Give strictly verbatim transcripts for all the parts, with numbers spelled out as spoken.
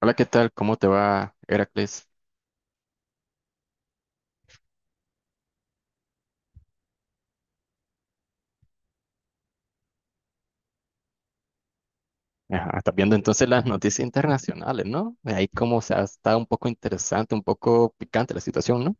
Hola, ¿qué tal? ¿Cómo te va, Heracles? Ajá, estás viendo entonces las noticias internacionales, ¿no? Ahí como se ha estado un poco interesante, un poco picante la situación, ¿no?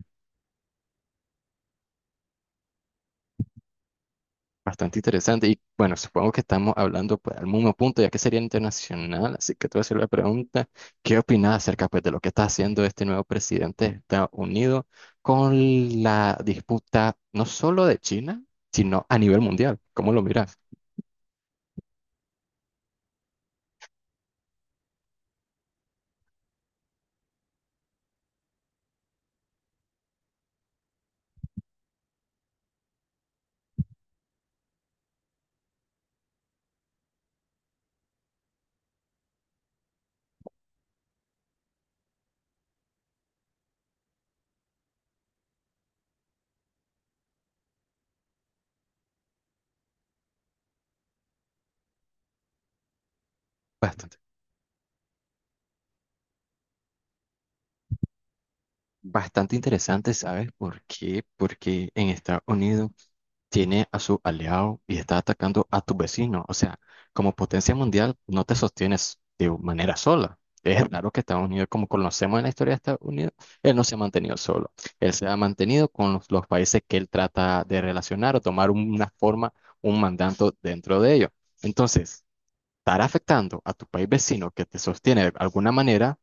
Bastante interesante. Y bueno, supongo que estamos hablando pues, al mismo punto, ya que sería internacional. Así que te voy a hacer la pregunta, ¿qué opinas acerca pues, de lo que está haciendo este nuevo presidente de Estados Unidos con la disputa no solo de China, sino a nivel mundial? ¿Cómo lo miras? Bastante. Bastante interesante, ¿sabes por qué? Porque en Estados Unidos tiene a su aliado y está atacando a tu vecino. O sea, como potencia mundial no te sostienes de manera sola. Es raro que Estados Unidos, como conocemos en la historia de Estados Unidos, él no se ha mantenido solo. Él se ha mantenido con los, los países que él trata de relacionar o tomar un- una forma, un mandato dentro de ellos. Entonces, estar afectando a tu país vecino que te sostiene de alguna manera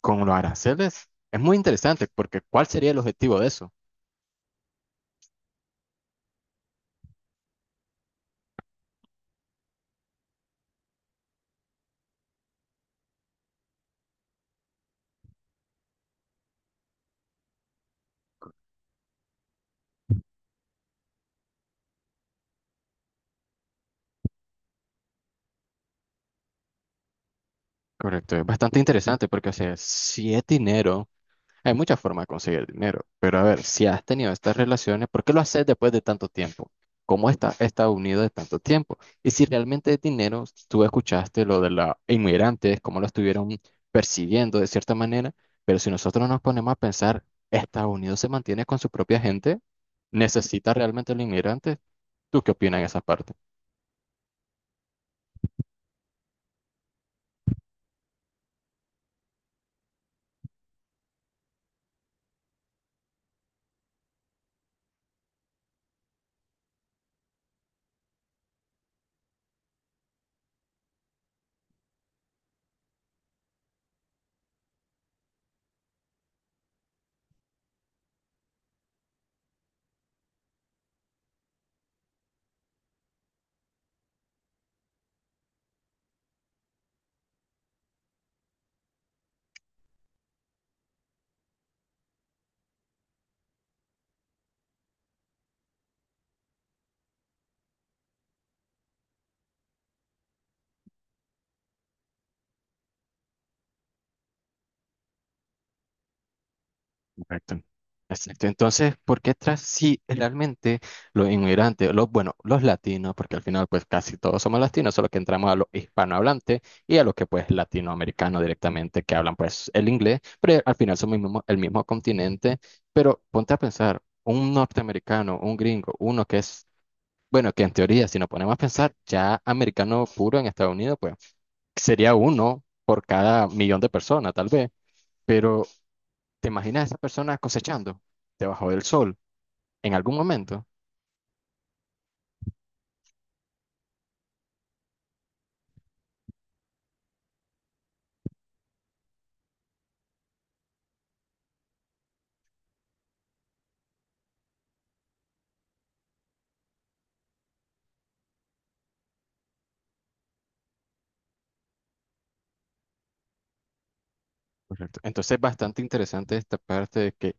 con los aranceles es muy interesante porque ¿cuál sería el objetivo de eso? Correcto, es bastante interesante porque, o sea, si es dinero. Hay muchas formas de conseguir dinero, pero a ver, si has tenido estas relaciones, ¿por qué lo haces después de tanto tiempo? ¿Cómo está, está unido de tanto tiempo? Y si realmente es dinero, tú escuchaste lo de los inmigrantes, cómo lo estuvieron persiguiendo de cierta manera, pero si nosotros nos ponemos a pensar, ¿Estados Unidos se mantiene con su propia gente? ¿Necesita realmente los inmigrantes? ¿Tú qué opinas en esa parte? Correcto. Exacto. Entonces, ¿por qué tras si realmente los inmigrantes, los, bueno, los latinos, porque al final pues casi todos somos latinos, solo que entramos a los hispanohablantes y a los que pues latinoamericanos directamente que hablan pues el inglés, pero al final somos el mismo, el mismo continente, pero ponte a pensar, un norteamericano, un gringo, uno que es, bueno, que en teoría si nos ponemos a pensar, ya americano puro en Estados Unidos, pues sería uno por cada millón de personas tal vez. Pero ¿te imaginas a esa persona cosechando debajo del sol en algún momento? Correcto. Entonces es bastante interesante esta parte de que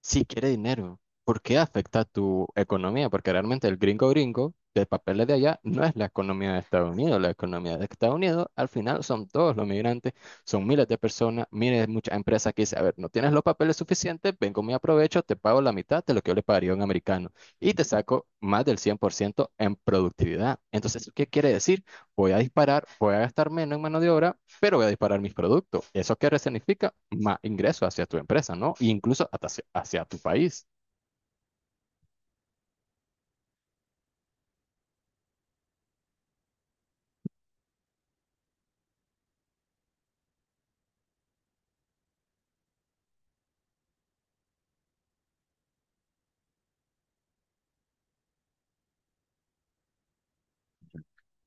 si quiere dinero, ¿por qué afecta a tu economía? Porque realmente el gringo gringo de papeles de allá no es la economía de Estados Unidos. La economía de Estados Unidos al final son todos los migrantes, son miles de personas, miles, de muchas empresas que dicen, a ver, no tienes los papeles suficientes, vengo, me aprovecho, te pago la mitad de lo que yo le pagaría a un americano y te saco más del cien por ciento en productividad. Entonces, ¿qué quiere decir? Voy a disparar, voy a gastar menos en mano de obra, pero voy a disparar mis productos. ¿Eso qué significa? Más ingresos hacia tu empresa, ¿no? E incluso hasta hacia, hacia tu país.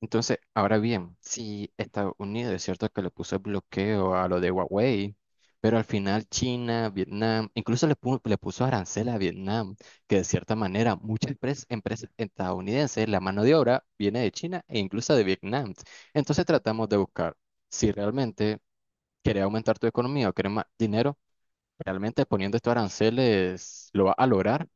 Entonces, ahora bien, si Estados Unidos es cierto que le puso el bloqueo a lo de Huawei, pero al final China, Vietnam, incluso le, pu- le puso arancel a Vietnam, que de cierta manera muchas empres- empresas estadounidenses, la mano de obra viene de China e incluso de Vietnam. Entonces tratamos de buscar si realmente querés aumentar tu economía o querés más dinero. Realmente poniendo estos aranceles lo va a lograr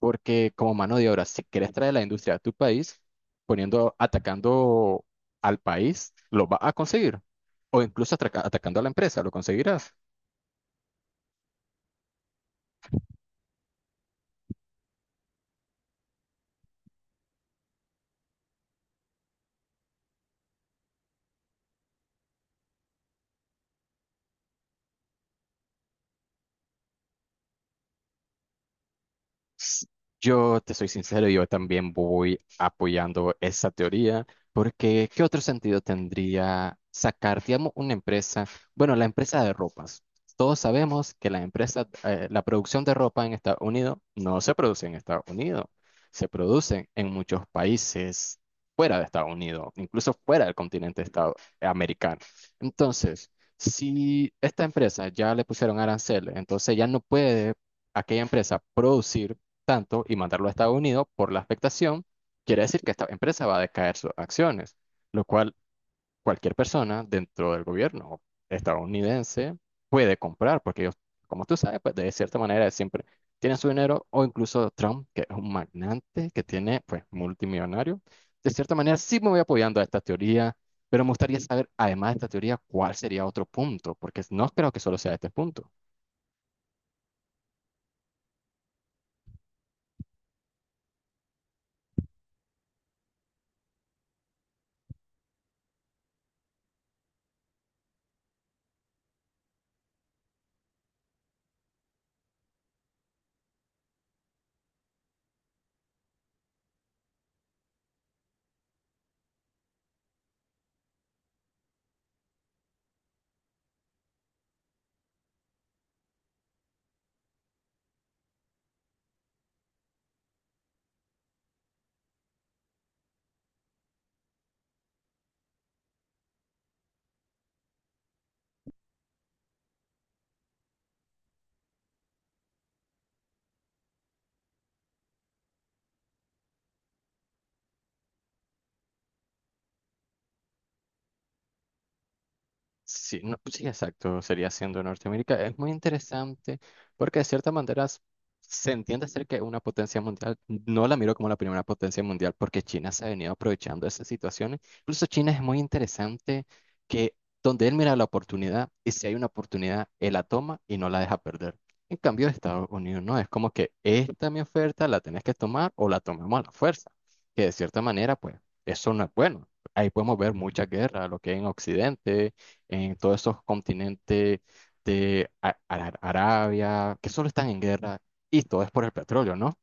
porque como mano de obra, si quieres traer la industria a tu país, poniendo, atacando al país, lo va a conseguir. O incluso atraca- atacando a la empresa, lo conseguirás. S- Yo te soy sincero, yo también voy apoyando esa teoría, porque ¿qué otro sentido tendría sacar, digamos, una empresa? Bueno, la empresa de ropas. Todos sabemos que la empresa, eh, la producción de ropa en Estados Unidos no se produce en Estados Unidos, se produce en muchos países fuera de Estados Unidos, incluso fuera del continente estado- eh, americano. Entonces, si esta empresa ya le pusieron aranceles, entonces ya no puede aquella empresa producir tanto y mandarlo a Estados Unidos por la afectación, quiere decir que esta empresa va a decaer sus acciones, lo cual cualquier persona dentro del gobierno estadounidense puede comprar, porque ellos, como tú sabes, pues de cierta manera siempre tienen su dinero, o incluso Trump, que es un magnate, que tiene, pues, multimillonario. De cierta manera sí me voy apoyando a esta teoría, pero me gustaría saber, además de esta teoría, cuál sería otro punto, porque no creo que solo sea este punto. Sí, no, pues sí, exacto, sería siendo Norteamérica. Es muy interesante porque de cierta manera s- se entiende ser que una potencia mundial, no la miro como la primera potencia mundial porque China se ha venido aprovechando de esas situaciones. Incluso China es muy interesante que donde él mira la oportunidad y si hay una oportunidad, él la toma y no la deja perder. En cambio, Estados Unidos no, es como que esta mi oferta, la tenés que tomar o la tomamos a la fuerza, que de cierta manera, pues, eso no es bueno. Ahí podemos ver mucha guerra, lo que hay en Occidente en todos estos continentes de A- Ara- Arabia, que solo están en guerra, y todo es por el petróleo, ¿no?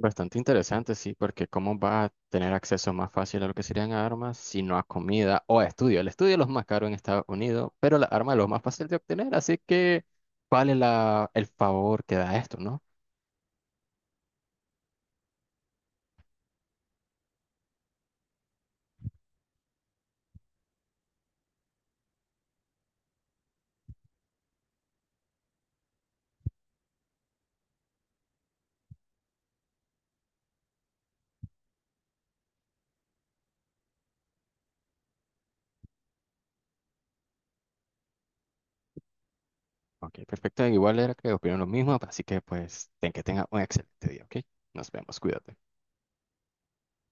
Bastante interesante, sí, porque cómo va a tener acceso más fácil a lo que serían armas, sino a comida o a estudio. El estudio es lo más caro en Estados Unidos, pero la arma es lo más fácil de obtener, así que vale la, el favor que da esto, ¿no? Ok, perfecto. Igual era que opino lo mismo, así que pues ten que tenga un excelente día, ¿ok? Nos vemos, cuídate.